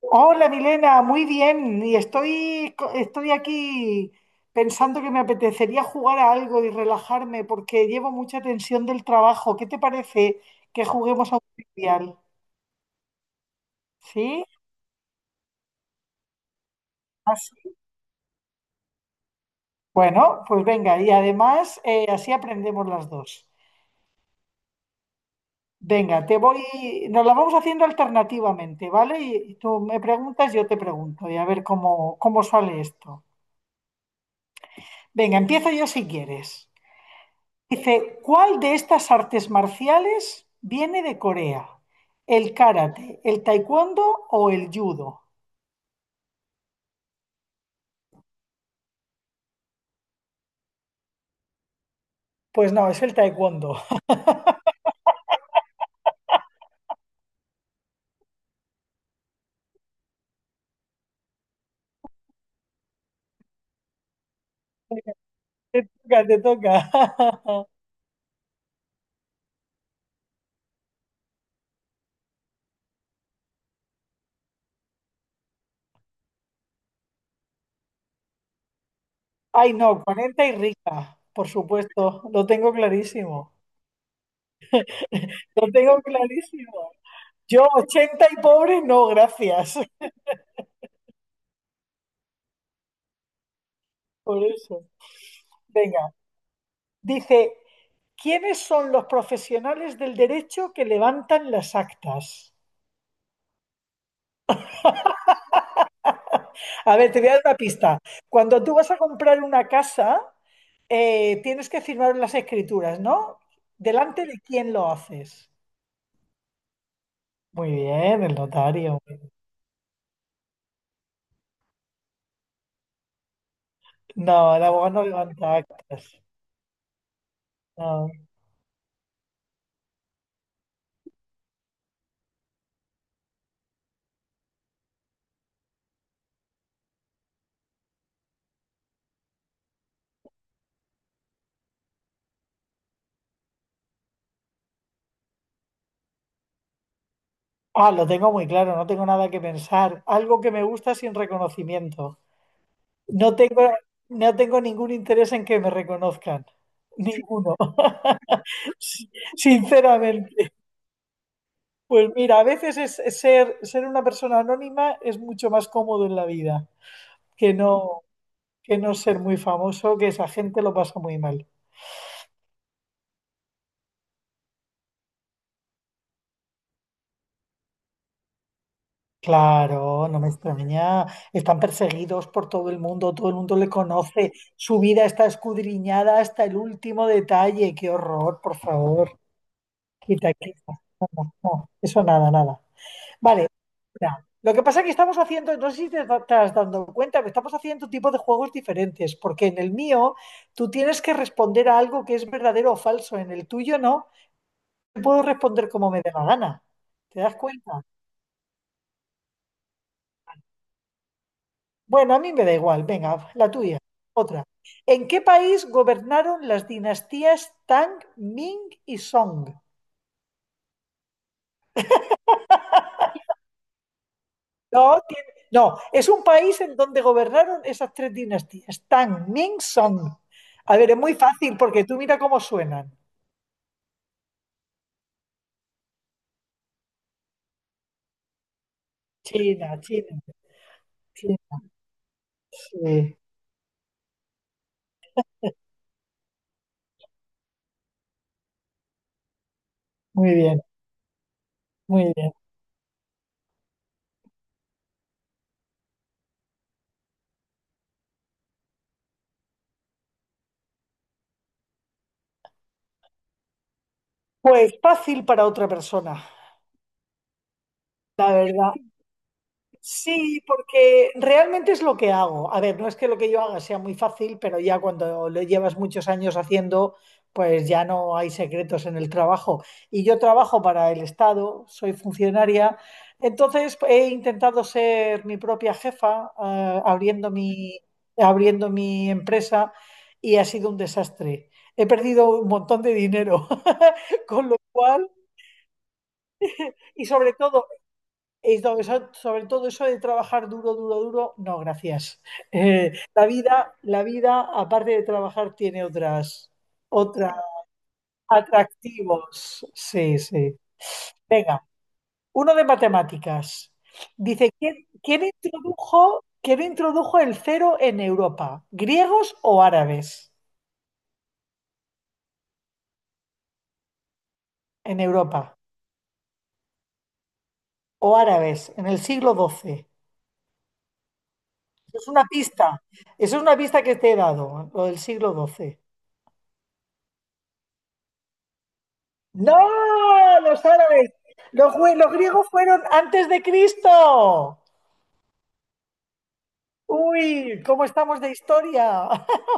Hola Milena, muy bien. Y estoy aquí pensando que me apetecería jugar a algo y relajarme porque llevo mucha tensión del trabajo. ¿Qué te parece que juguemos a un trivial? ¿Sí? Así. Bueno, pues venga, y además así aprendemos las dos. Venga, nos la vamos haciendo alternativamente, ¿vale? Y tú me preguntas, yo te pregunto, y a ver cómo sale esto. Venga, empiezo yo si quieres. Dice, ¿cuál de estas artes marciales viene de Corea? ¿El karate, el taekwondo o el judo? Pues no, es el taekwondo. Te toca, te toca. Ay, no, 40 y rica, por supuesto. Lo tengo clarísimo. Lo tengo clarísimo. Yo 80 y pobre, no, gracias. Por eso. Venga, dice, ¿quiénes son los profesionales del derecho que levantan las actas? A ver, te voy a dar una pista. Cuando tú vas a comprar una casa, tienes que firmar las escrituras, ¿no? ¿Delante de quién lo haces? Muy bien, el notario. No, el abogado no levanta actas. No. Ah, lo tengo muy claro, no tengo nada que pensar. Algo que me gusta sin reconocimiento. No tengo, no tengo ningún interés en que me reconozcan. Ninguno. Sinceramente. Pues mira, a veces es ser una persona anónima es mucho más cómodo en la vida que no, que no ser muy famoso, que esa gente lo pasa muy mal. Claro, no me extraña. Están perseguidos por todo el mundo le conoce. Su vida está escudriñada hasta el último detalle. Qué horror, por favor. Quita, quita. No, no, no. Eso nada, nada. Vale. Mira, lo que pasa es que estamos haciendo, no sé si te estás dando cuenta, que estamos haciendo tipo de juegos diferentes, porque en el mío tú tienes que responder a algo que es verdadero o falso, en el tuyo no, te puedo responder como me dé la gana. ¿Te das cuenta? Bueno, a mí me da igual, venga, la tuya, otra. ¿En qué país gobernaron las dinastías Tang, Ming y Song? No, no, es un país en donde gobernaron esas tres dinastías, Tang, Ming, Song. A ver, es muy fácil porque tú mira cómo suenan. China, China, China. Sí, muy bien, muy bien. Pues fácil para otra persona, la verdad. Sí, porque realmente es lo que hago. A ver, no es que lo que yo haga sea muy fácil, pero ya cuando lo llevas muchos años haciendo, pues ya no hay secretos en el trabajo. Y yo trabajo para el Estado, soy funcionaria, entonces he intentado ser mi propia jefa, abriendo mi empresa y ha sido un desastre. He perdido un montón de dinero, con lo cual, y sobre todo sobre todo eso de trabajar duro, duro, duro, no, gracias. La vida, aparte de trabajar, tiene otras atractivos. Sí, sí. Venga, uno de matemáticas. Dice, ¿quién introdujo el cero en Europa? ¿Griegos o árabes? En Europa. O árabes, en el siglo XII. Es una pista. Eso es una pista que te he dado, lo del siglo XII. No, los árabes. Los griegos fueron antes de Cristo. Uy, ¿cómo estamos de historia?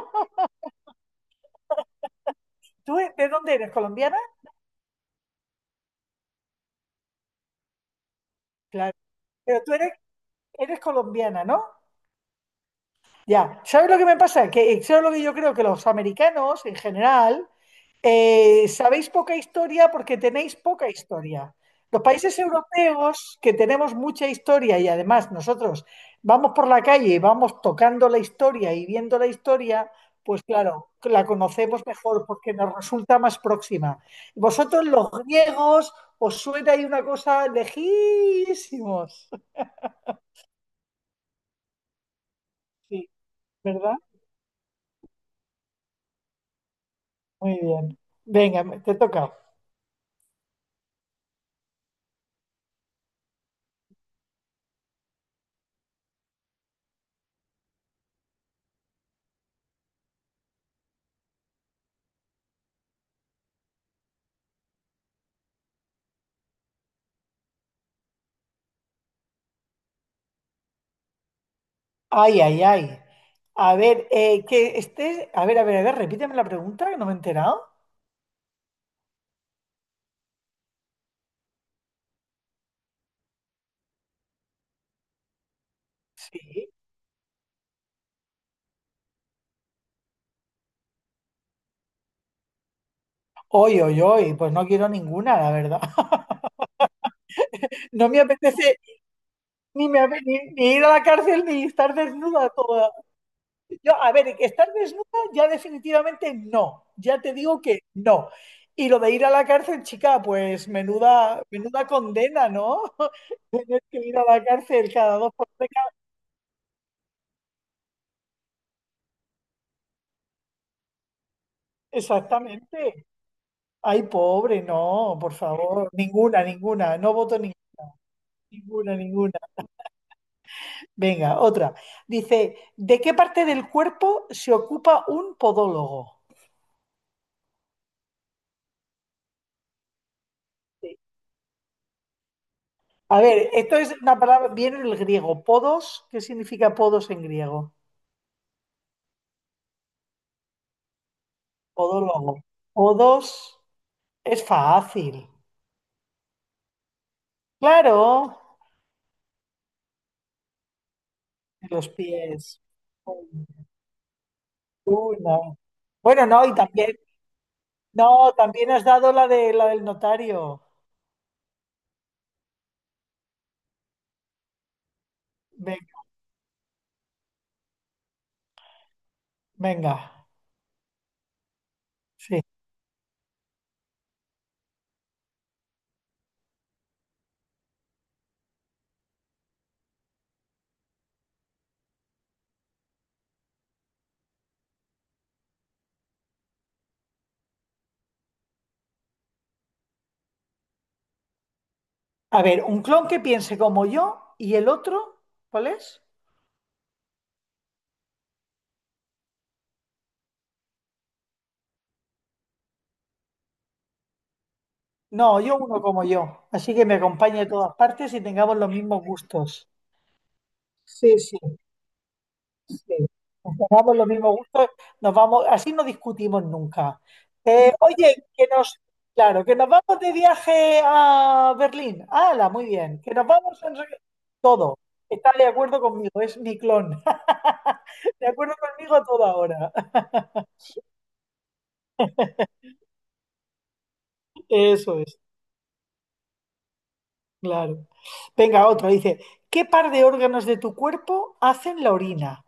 ¿Tú de dónde eres? ¿Colombiana? Claro. Pero tú eres, colombiana, ¿no? Ya. ¿Sabes lo que me pasa? Que ¿sabes lo que yo creo? Que los americanos en general sabéis poca historia porque tenéis poca historia. Los países europeos que tenemos mucha historia y además nosotros vamos por la calle y vamos tocando la historia y viendo la historia, pues claro, la conocemos mejor porque nos resulta más próxima. Vosotros los griegos os suena ahí una cosa lejísimos. Sí, ¿verdad? Muy bien. Venga, te toca. Ay, ay, ay. A ver, que estés. A ver, a ver, a ver, repíteme la pregunta que no me he enterado. Sí. Hoy, hoy, hoy. Pues no quiero ninguna, la verdad. No me apetece ni ir a la cárcel ni estar desnuda toda. Yo, a ver, que estar desnuda ya definitivamente no. Ya te digo que no. Y lo de ir a la cárcel, chica, pues menuda, menuda condena, ¿no? Tener que ir a la cárcel cada dos por tres. Exactamente. Ay, pobre, no, por favor, ninguna, ninguna, no voto ninguna, ninguna. Venga, otra. Dice, ¿de qué parte del cuerpo se ocupa un podólogo? Sí. A ver, esto es una palabra, viene del griego, podos, ¿qué significa podos en griego? Podólogo. Podos es fácil. Claro, en los pies. Una. Bueno, no, y también, no, también has dado la de la del notario. Ve- Venga, sí. A ver, un clon que piense como yo y el otro, ¿cuál es? No, yo uno como yo. Así que me acompañe a todas partes y tengamos los mismos gustos. Sí, sí, sí. Tengamos los mismos gustos, nos vamos, así no discutimos nunca. Oye, que nos, claro, que nos vamos de viaje a Berlín. ¡Hala! Muy bien. Que nos vamos a no sé qué. Todo. Está de acuerdo conmigo, es mi clon. De acuerdo conmigo a toda hora. Eso es. Claro. Venga, otro. Dice, ¿qué par de órganos de tu cuerpo hacen la orina?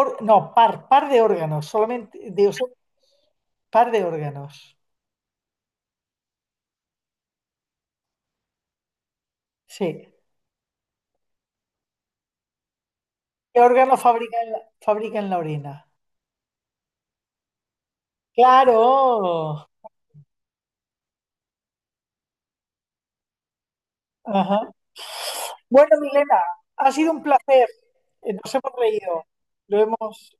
No, par de órganos, solamente, par de órganos. Sí. ¿Qué órgano fabrican la orina? Claro. Ajá. Bueno, Milena, ha sido un placer. Nos hemos reído. Lo hemos...